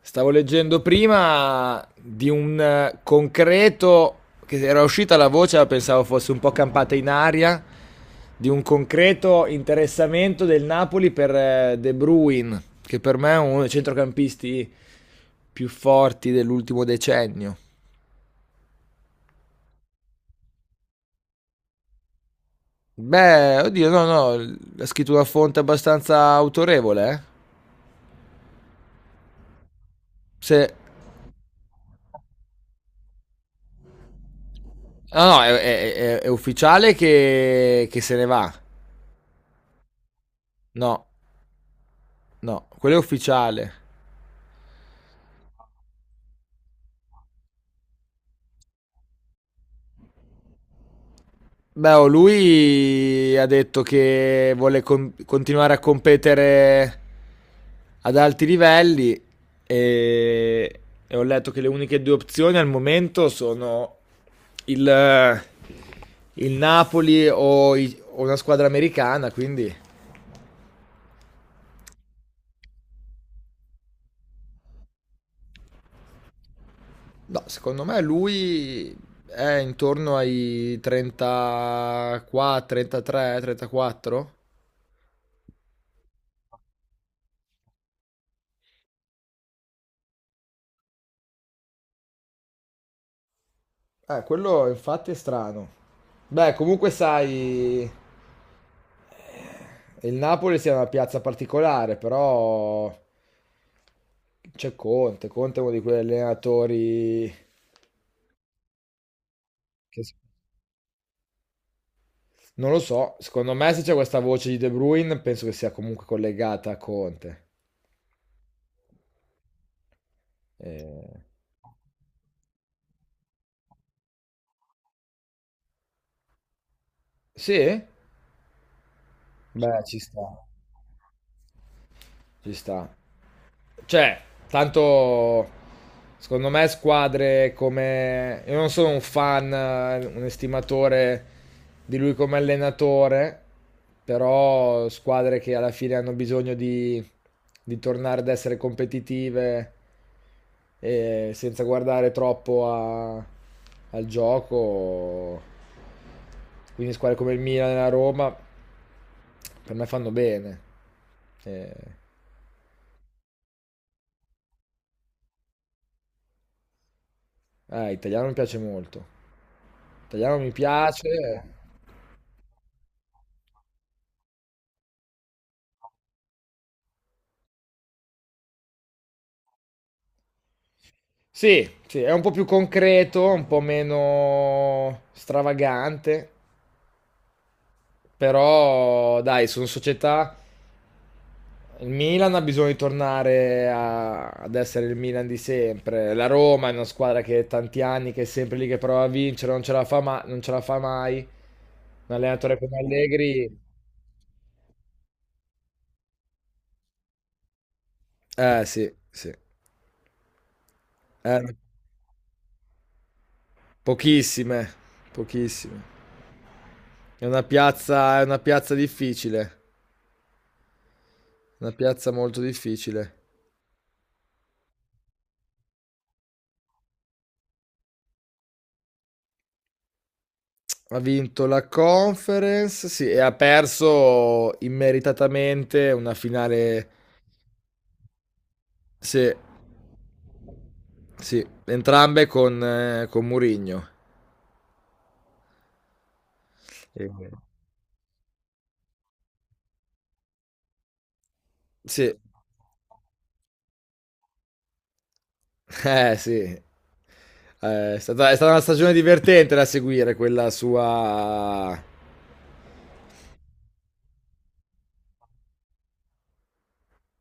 Stavo leggendo prima di un concreto, che era uscita la voce, ma pensavo fosse un po' campata in aria, di un concreto interessamento del Napoli per De Bruyne, che per me è uno dei centrocampisti più forti dell'ultimo decennio. Beh, oddio, no, no, ha scritto una fonte abbastanza autorevole, eh. Se... No, no, è, è ufficiale che se ne va. No, no, quello è ufficiale. Beh, oh, lui ha detto che vuole continuare a competere ad alti livelli e, e ho letto che le uniche due opzioni al momento sono il, il Napoli o, o una squadra americana, quindi no, secondo me lui è intorno ai 34, 33, 34. Quello infatti è strano. Beh, comunque sai, il Napoli sia una piazza particolare, però c'è Conte. Conte è uno di quegli allenatori che s- non lo so. Secondo me, se c'è questa voce di De Bruyne, penso che sia comunque collegata a Conte. Eh, Sì? Beh, ci sta. Ci sta. Cioè, tanto secondo me squadre come... Io non sono un fan, un estimatore di lui come allenatore, però squadre che alla fine hanno bisogno di tornare ad essere competitive e senza guardare troppo al gioco, quindi squadre come il Milan e la Roma, per me fanno bene. Eh, Eh, italiano mi piace molto. Italiano mi piace. Sì, sì, è un po' più concreto, un po' meno stravagante, però dai, sono società. Il Milan ha bisogno di tornare ad essere il Milan di sempre. La Roma è una squadra che è tanti anni, che è sempre lì che prova a vincere, non ce la fa, non ce la fa mai. Un allenatore come Allegri. Eh sì, sì. Eh, pochissime, pochissime. È una piazza difficile, una piazza molto difficile. Ha vinto la Conference, sì, e ha perso immeritatamente una finale, sì, sì, entrambe con Mourinho. Sì. Sì, eh sì, eh, è stata una stagione divertente da seguire quella sua...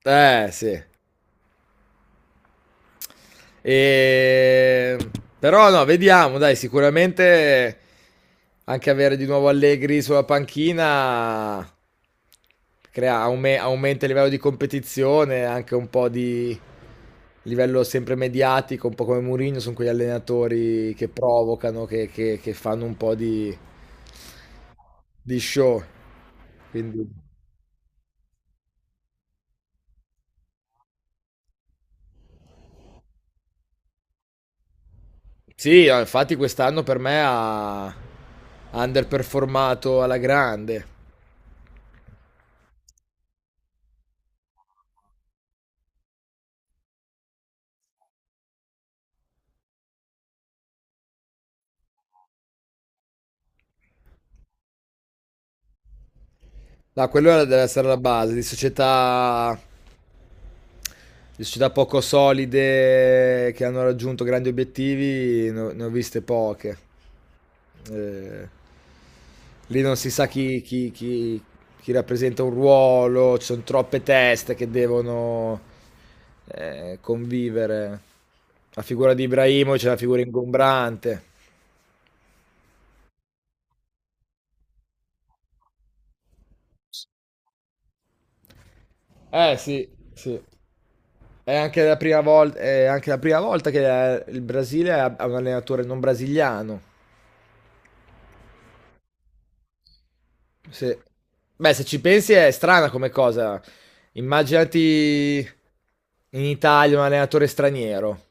Eh sì. E... Però no, vediamo, dai, sicuramente anche avere di nuovo Allegri sulla panchina aumenta il livello di competizione, anche un po' di livello sempre mediatico, un po' come Mourinho, sono quegli allenatori che provocano, che, che fanno un po' di show. Quindi, sì, no, infatti quest'anno per me ha underperformato alla grande. No, deve essere la base di società poco solide che hanno raggiunto grandi obiettivi, ne ho, ne ho viste poche. Eh, lì non si sa chi, chi rappresenta un ruolo, ci sono troppe teste che devono convivere. La figura di Ibrahimovic è una figura ingombrante. Eh sì, sì. È anche la prima volta, è anche la prima volta che il Brasile ha un allenatore non brasiliano. Se... Beh, se ci pensi è strana come cosa. Immaginati in Italia un allenatore straniero.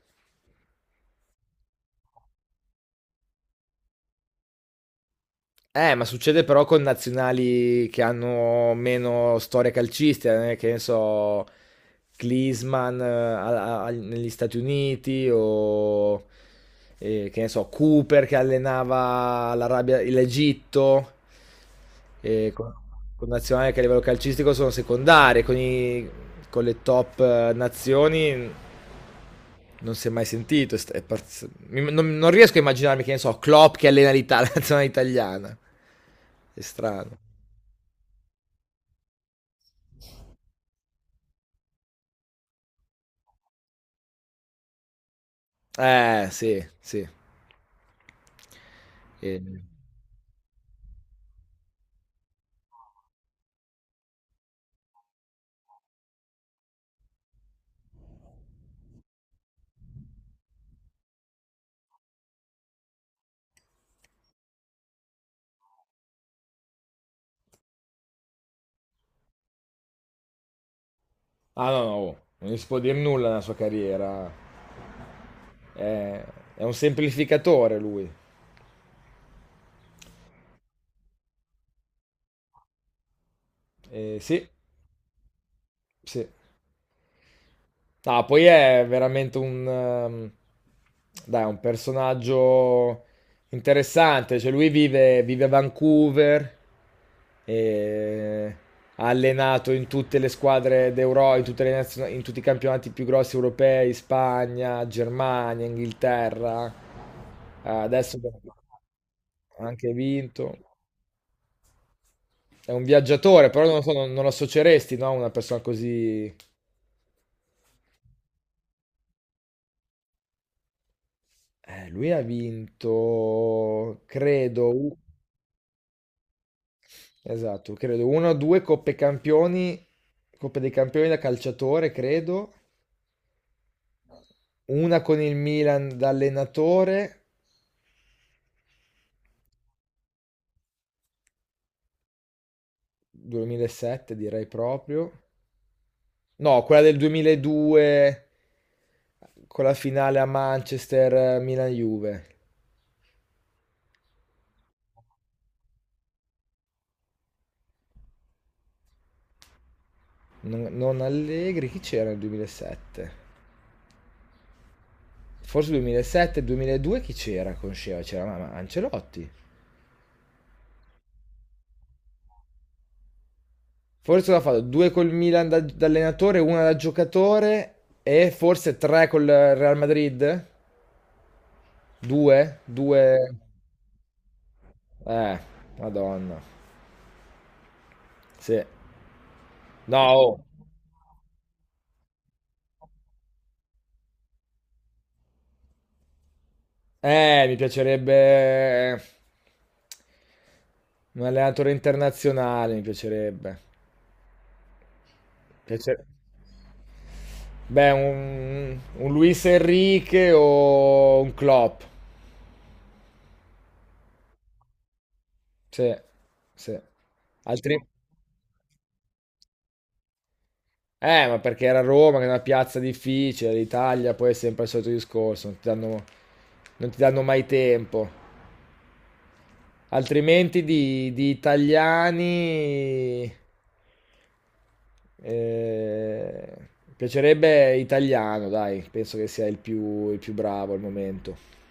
Ma succede però con nazionali che hanno meno storia calcistica, che ne so, Klinsmann negli Stati Uniti o che ne so, Cooper che allenava l'Arabia, l'Egitto, eh, con, con nazionali che a livello calcistico sono secondarie, con le top nazioni non si è mai sentito. È st- è parz- mi- non, non riesco a immaginarmi che ne so, Klopp che allena l'Italia, la nazionale italiana. È strano. Sì, sì. E... Ah, no, no, oh, non gli si può dire nulla nella sua carriera. È, è un semplificatore lui. Sì, sì. No, poi è veramente un, dai, un personaggio interessante. Cioè, lui vive, vive a Vancouver e ha allenato in tutte le squadre d'Euro, in tutte le nazio- in tutti i campionati più grossi europei, Spagna, Germania, Inghilterra. Ah, adesso ha anche vinto. È un viaggiatore, però non lo so, non, non lo associeresti, no, a una persona così. Lui ha vinto, credo, esatto, credo, una o due Coppe Campioni, Coppe dei Campioni da calciatore, credo, una con il Milan da allenatore, 2007 direi proprio, no, quella del 2002 con la finale a Manchester, Milan-Juve, non, non Allegri, chi c'era nel 2007? Forse 2007, 2002 chi c'era con Sheva? C'era ma Ancelotti. Forse l'ha fatto due col Milan da, da allenatore, una da giocatore e forse tre col Real Madrid? Due? Due? Eh, madonna. Sì. No, oh. Mi piacerebbe eh, un allenatore internazionale, mi piacerebbe. Piace- Beh, un Luis Enrique o un Klopp. Sì, sì. Altri... ma perché era Roma, che è una piazza difficile, l'Italia poi è sempre il solito discorso, non ti danno, non ti danno mai tempo. Altrimenti di italiani... eh, piacerebbe italiano, dai, penso che sia il più bravo al momento.